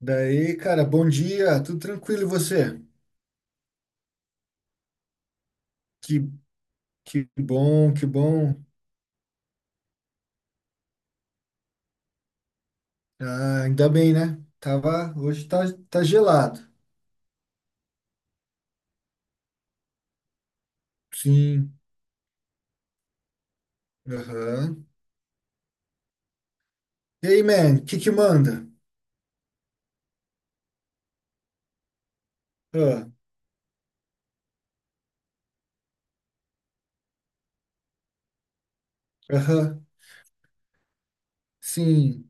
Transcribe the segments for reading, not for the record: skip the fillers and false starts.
Daí, cara, bom dia, tudo tranquilo e você? Que, que bom, que bom. Ah, ainda bem, né? Tava, hoje tá, tá gelado. Sim, aham. E aí, man, o que que manda? Ah, aham, sim,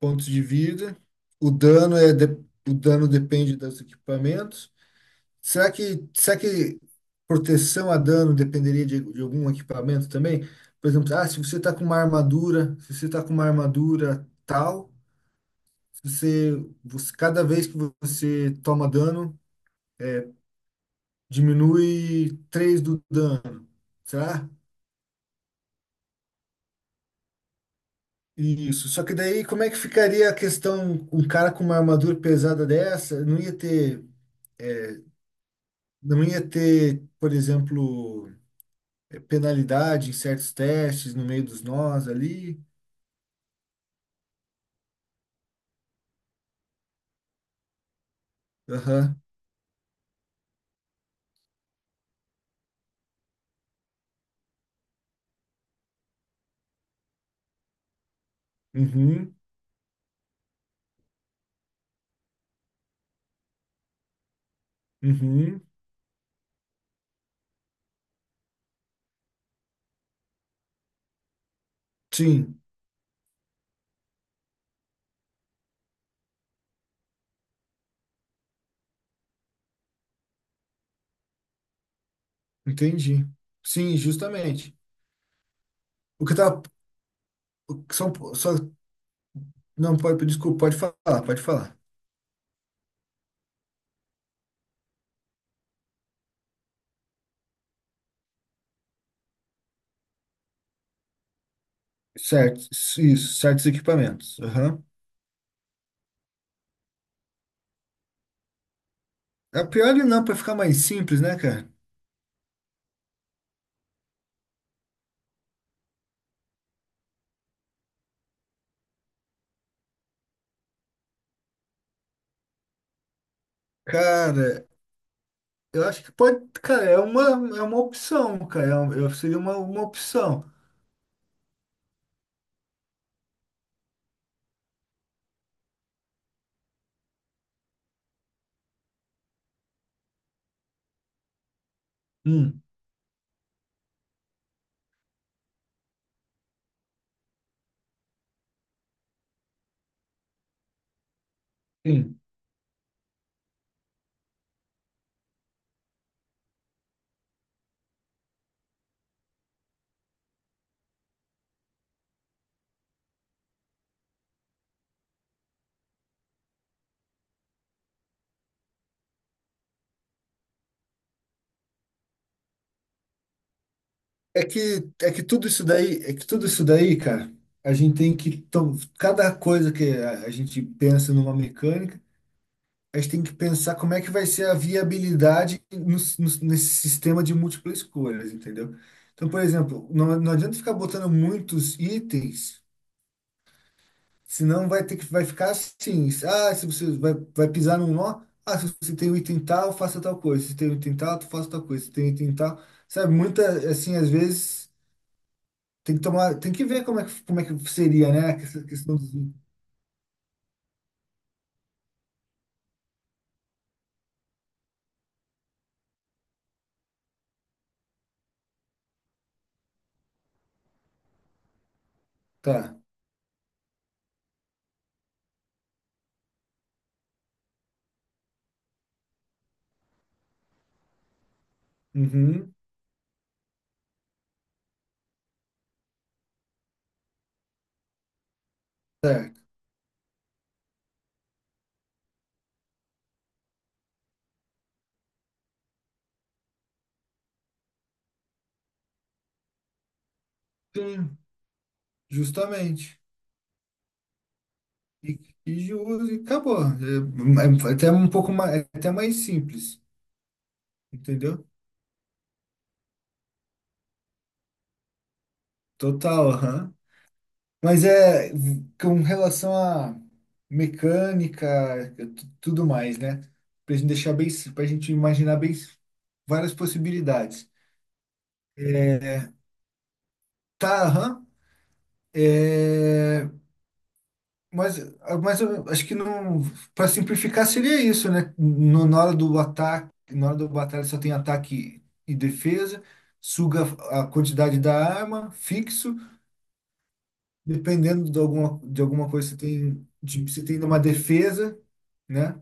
pontos de vida. O o dano depende dos equipamentos. Será que proteção a dano dependeria de algum equipamento também? Por exemplo, se você tá com uma armadura, se você tá com uma armadura tal. Você, você, cada vez que você toma dano, é, diminui 3 do dano, será? Isso. Só que daí, como é que ficaria a questão, um cara com uma armadura pesada dessa, é, não ia ter, por exemplo, penalidade em certos testes no meio dos nós ali? Aham. Uhum. Uhum. Sim, entendi. Sim, justamente. O que eu tava, o que são, só, não, pode, desculpa, pode falar, pode falar. Certos, isso, certos equipamentos. Aham. A Pioli não, para ficar mais simples, né, cara? Cara, eu acho que pode. Cara, é uma opção, cara. Seria uma opção. Hum, sim. É que tudo isso daí, cara, a gente tem que. Cada coisa que a gente pensa numa mecânica. A gente tem que pensar como é que vai ser a viabilidade nesse sistema de múltiplas escolhas, entendeu? Então, por exemplo, não adianta ficar botando muitos itens, senão vai ter que vai ficar assim, ah, se você vai pisar num nó, ah, se você tem o item tal, faça tal coisa, se tem o item tal, faça tal coisa, se tem o item tal, sabe? Muita, assim, às vezes tem que tomar, tem que ver como é que seria, né? Essa questão dos... Tá. Uhum. Certo. Sim, justamente. E, e de uso, e acabou. É até um pouco mais, é até mais simples, entendeu? Total, aham. Mas é com relação a mecânica, tudo mais, né? Pra gente deixar bem, pra gente imaginar bem várias possibilidades. Tá, aham. É, Mas, mas eu acho que não. Para simplificar, seria isso, né? Na hora do ataque, na hora do batalha só tem ataque e defesa, suga a quantidade da arma, fixo, dependendo de alguma coisa que você tem. Tipo, você tem uma defesa, né?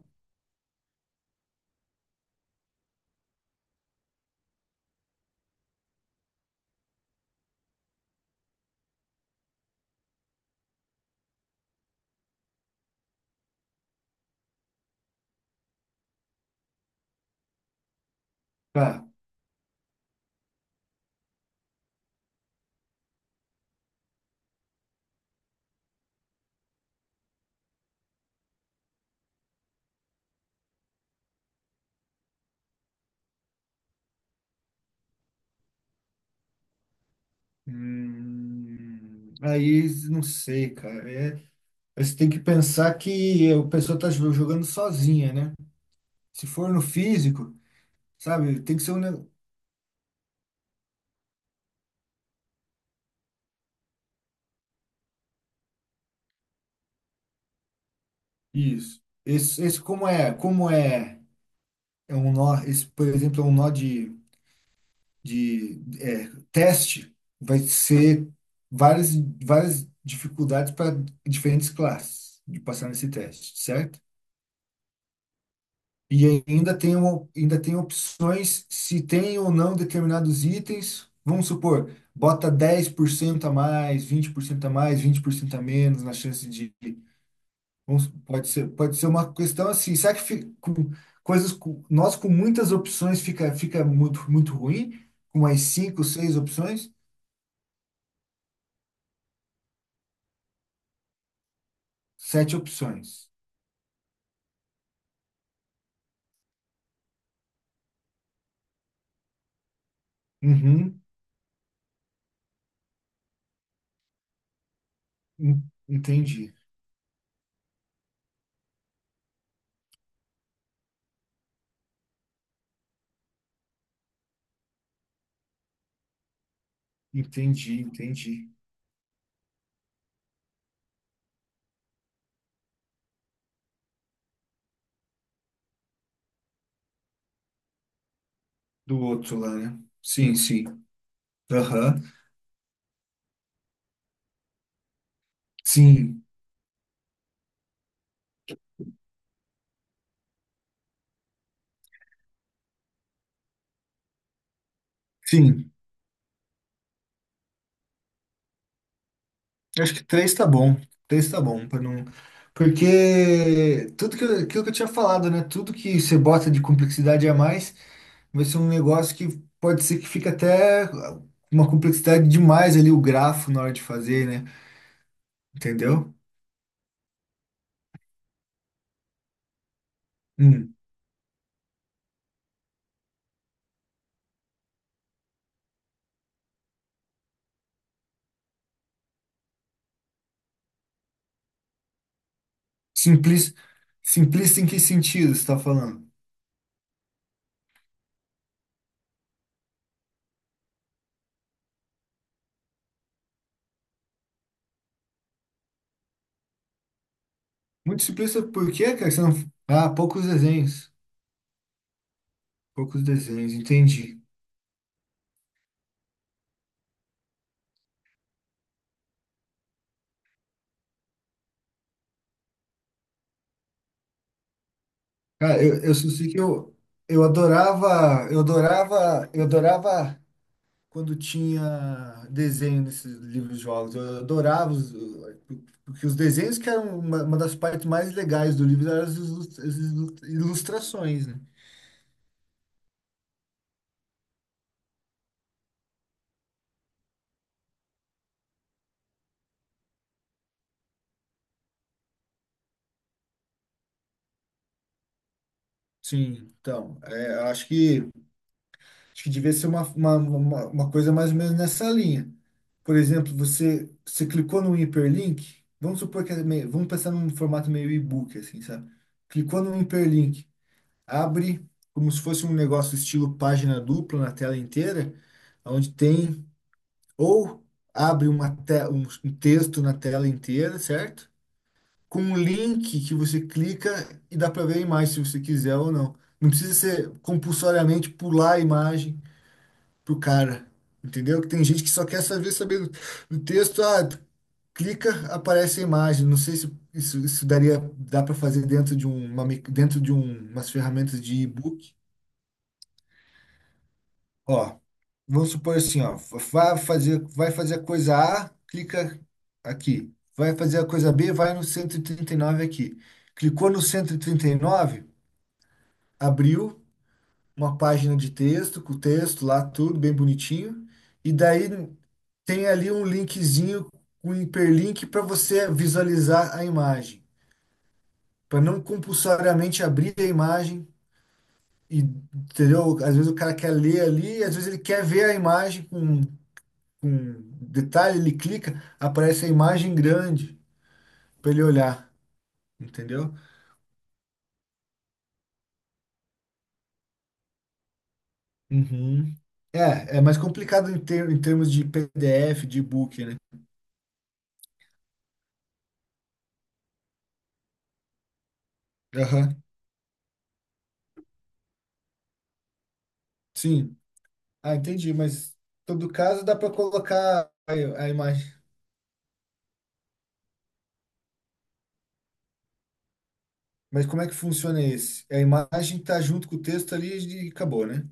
Tá. Aí não sei, cara. Você tem que pensar que a pessoa tá jogando sozinha, né? Se for no físico, sabe, tem que ser um. Isso. Esse como é, é um nó, esse, por exemplo, é um nó de teste, vai ser várias, várias dificuldades para diferentes classes de passar nesse teste, certo? E ainda tem, ainda tem opções se tem ou não determinados itens. Vamos supor, bota 10% a mais, 20% a mais, 20% a menos na chance de Pode ser, pode ser uma questão assim, será que com, coisas nós com muitas opções fica muito, muito ruim? Com mais cinco, seis opções? Sete opções. Uhum, en- entendi, entendi, entendi. Do outro lá, né? Sim, sim. Aham. Sim, sim. Acho que três tá bom. Três tá bom, para não. Porque tudo que eu, aquilo que eu tinha falado, né? Tudo que você bota de complexidade a mais vai ser um negócio que pode ser que fique até uma complexidade demais ali o grafo na hora de fazer, né? Entendeu? Hum. Simplis, simplista em que sentido você está falando? Muito simplista por quê, cara? Você não... Ah, poucos desenhos. Poucos desenhos, entendi. Cara, eu só sei que eu adorava, eu adorava, eu adorava quando tinha desenho nesses livros de jogos. Eu adorava, os, porque os desenhos que eram uma das partes mais legais do livro eram as ilustrações, né? Sim, então, eu acho que devia ser uma coisa mais ou menos nessa linha. Por exemplo, você clicou num hiperlink, vamos supor que é meio, vamos pensar num formato meio e-book, assim, sabe? Clicou num hiperlink, abre como se fosse um negócio estilo página dupla na tela inteira, onde tem ou abre uma um texto na tela inteira, certo? Com um link que você clica e dá para ver a imagem se você quiser ou não. Não precisa ser compulsoriamente pular a imagem pro cara, entendeu? Que tem gente que só quer saber do texto, tu clica, aparece a imagem. Não sei se isso daria dá para fazer dentro de dentro de um, umas ferramentas de e-book. Ó, vamos supor assim, ó, vai fazer a coisa A, clica aqui. Vai fazer a coisa B, vai no cento e trinta e nove aqui. Clicou no cento e trinta e nove, abriu uma página de texto, com o texto lá, tudo bem bonitinho. E daí tem ali um linkzinho, um hiperlink para você visualizar a imagem. Para não compulsoriamente abrir a imagem, e, entendeu? Às vezes o cara quer ler ali, às vezes ele quer ver a imagem com detalhe, ele clica, aparece a imagem grande para ele olhar, entendeu? Uhum. É é mais complicado em, ter, em termos de PDF, de e-book, né? Aham. Sim. Ah, entendi, mas em todo caso dá para colocar a imagem. Mas como é que funciona esse? A imagem tá junto com o texto ali e acabou, né?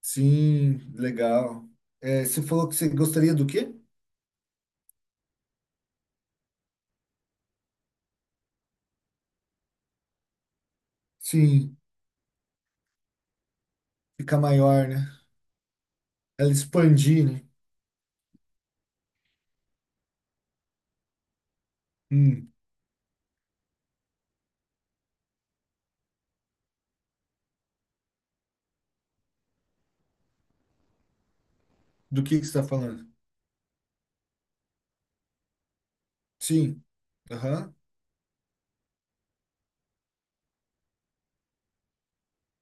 Sim, legal. Você falou que você gostaria do quê? Sim, ficar maior, né? Ela expandir, né? Hum, do que você está falando? Sim. Aham.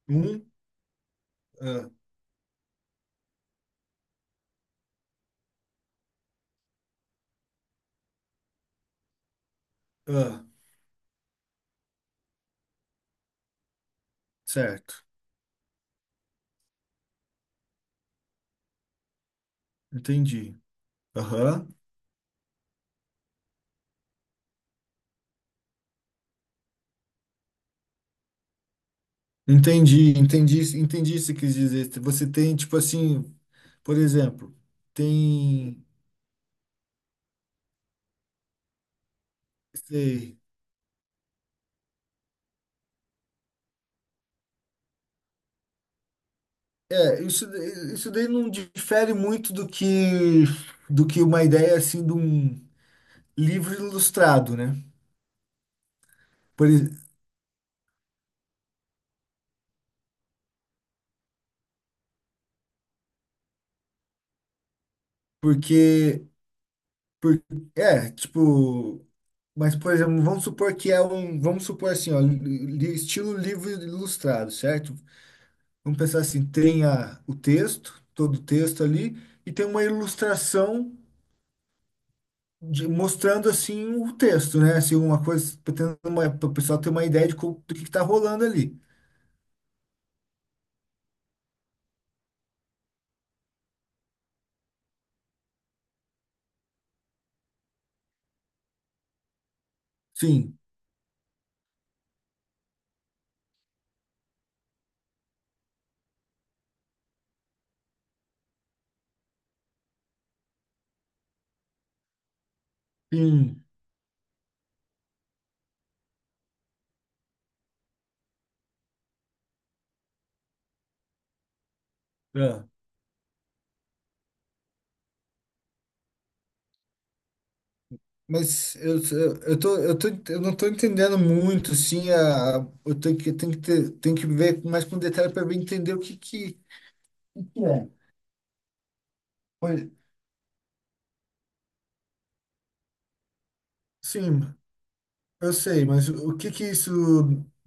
Um. ah, ah, certo. Entendi. Aham. Entendi, entendi, entendi o que você quis dizer. Você tem, tipo assim, por exemplo, tem. Sei. É, isso daí não difere muito do que uma ideia assim de um livro ilustrado, né? Por, ex- porque por, tipo, mas por exemplo, vamos supor que é um, vamos supor assim, ó, estilo livro ilustrado, certo? Vamos pensar assim, tem o texto, todo o texto ali, e tem uma ilustração mostrando assim o texto, né? Assim, uma coisa para o pessoal ter uma ideia de do que está rolando ali. Sim, sim. É. Mas eu tô, eu não tô entendendo muito, sim, eu tenho que ter, tenho que ver mais com detalhe para entender o o que é. Pois, sim, eu sei, mas o que que isso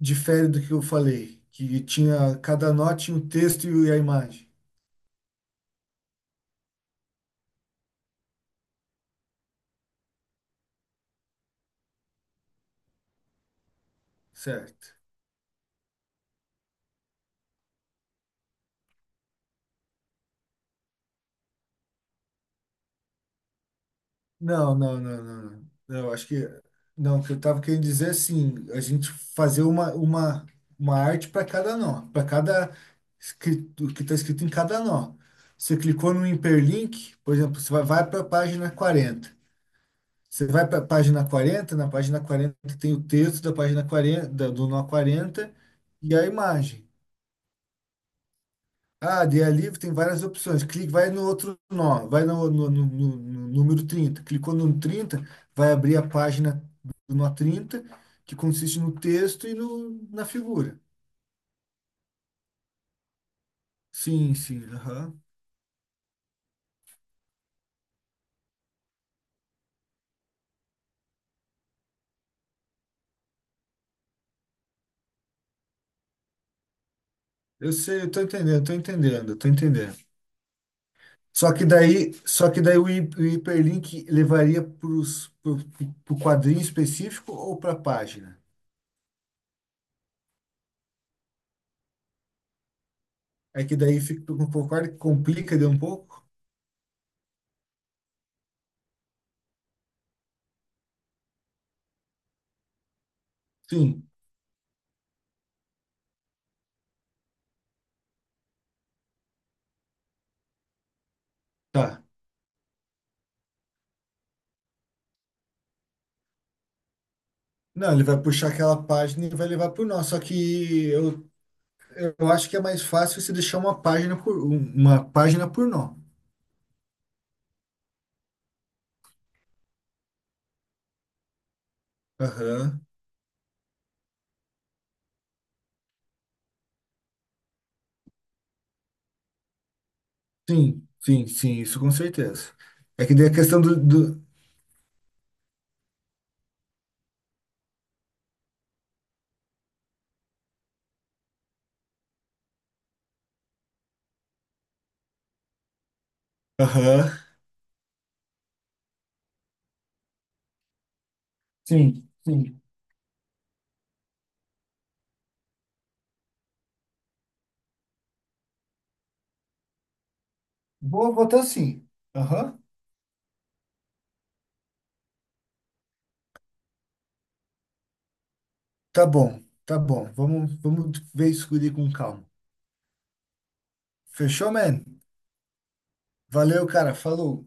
difere do que eu falei? Que tinha, cada nó tinha um texto e a imagem, certo? Não, não, não, não. Não, não, acho que. Não, o que eu estava querendo dizer é assim, a gente fazer uma, uma arte para cada nó, para cada escrito, o que está escrito em cada nó. Você clicou no hiperlink, por exemplo, você vai para a página 40. Você vai para a página 40, na página 40 tem o texto da página 40 do nó 40 e a imagem. Ah, dia livre tem várias opções. Clique, vai no outro nó, vai no número 30. Clicou no 30, vai abrir a página do nó 30, que consiste no texto e no, na figura. Sim, sim, aham. Eu sei, eu tô entendendo, tô entendendo, tô entendendo. Só que daí o hiperlink levaria pro quadrinho específico ou para a página? É que daí fica, concorda que complica de um pouco? Sim, tá. Não, ele vai puxar aquela página e vai levar para o nosso. Só que eu acho que é mais fácil se deixar uma página uma página por nó. Aham. Sim, sim, sim, isso com certeza. É que daí a questão do. Aham. Sim, sim. Vou botar sim. Aham. Tá bom, tá bom. Vamos ver isso com calma. Fechou, man? Valeu, cara. Falou.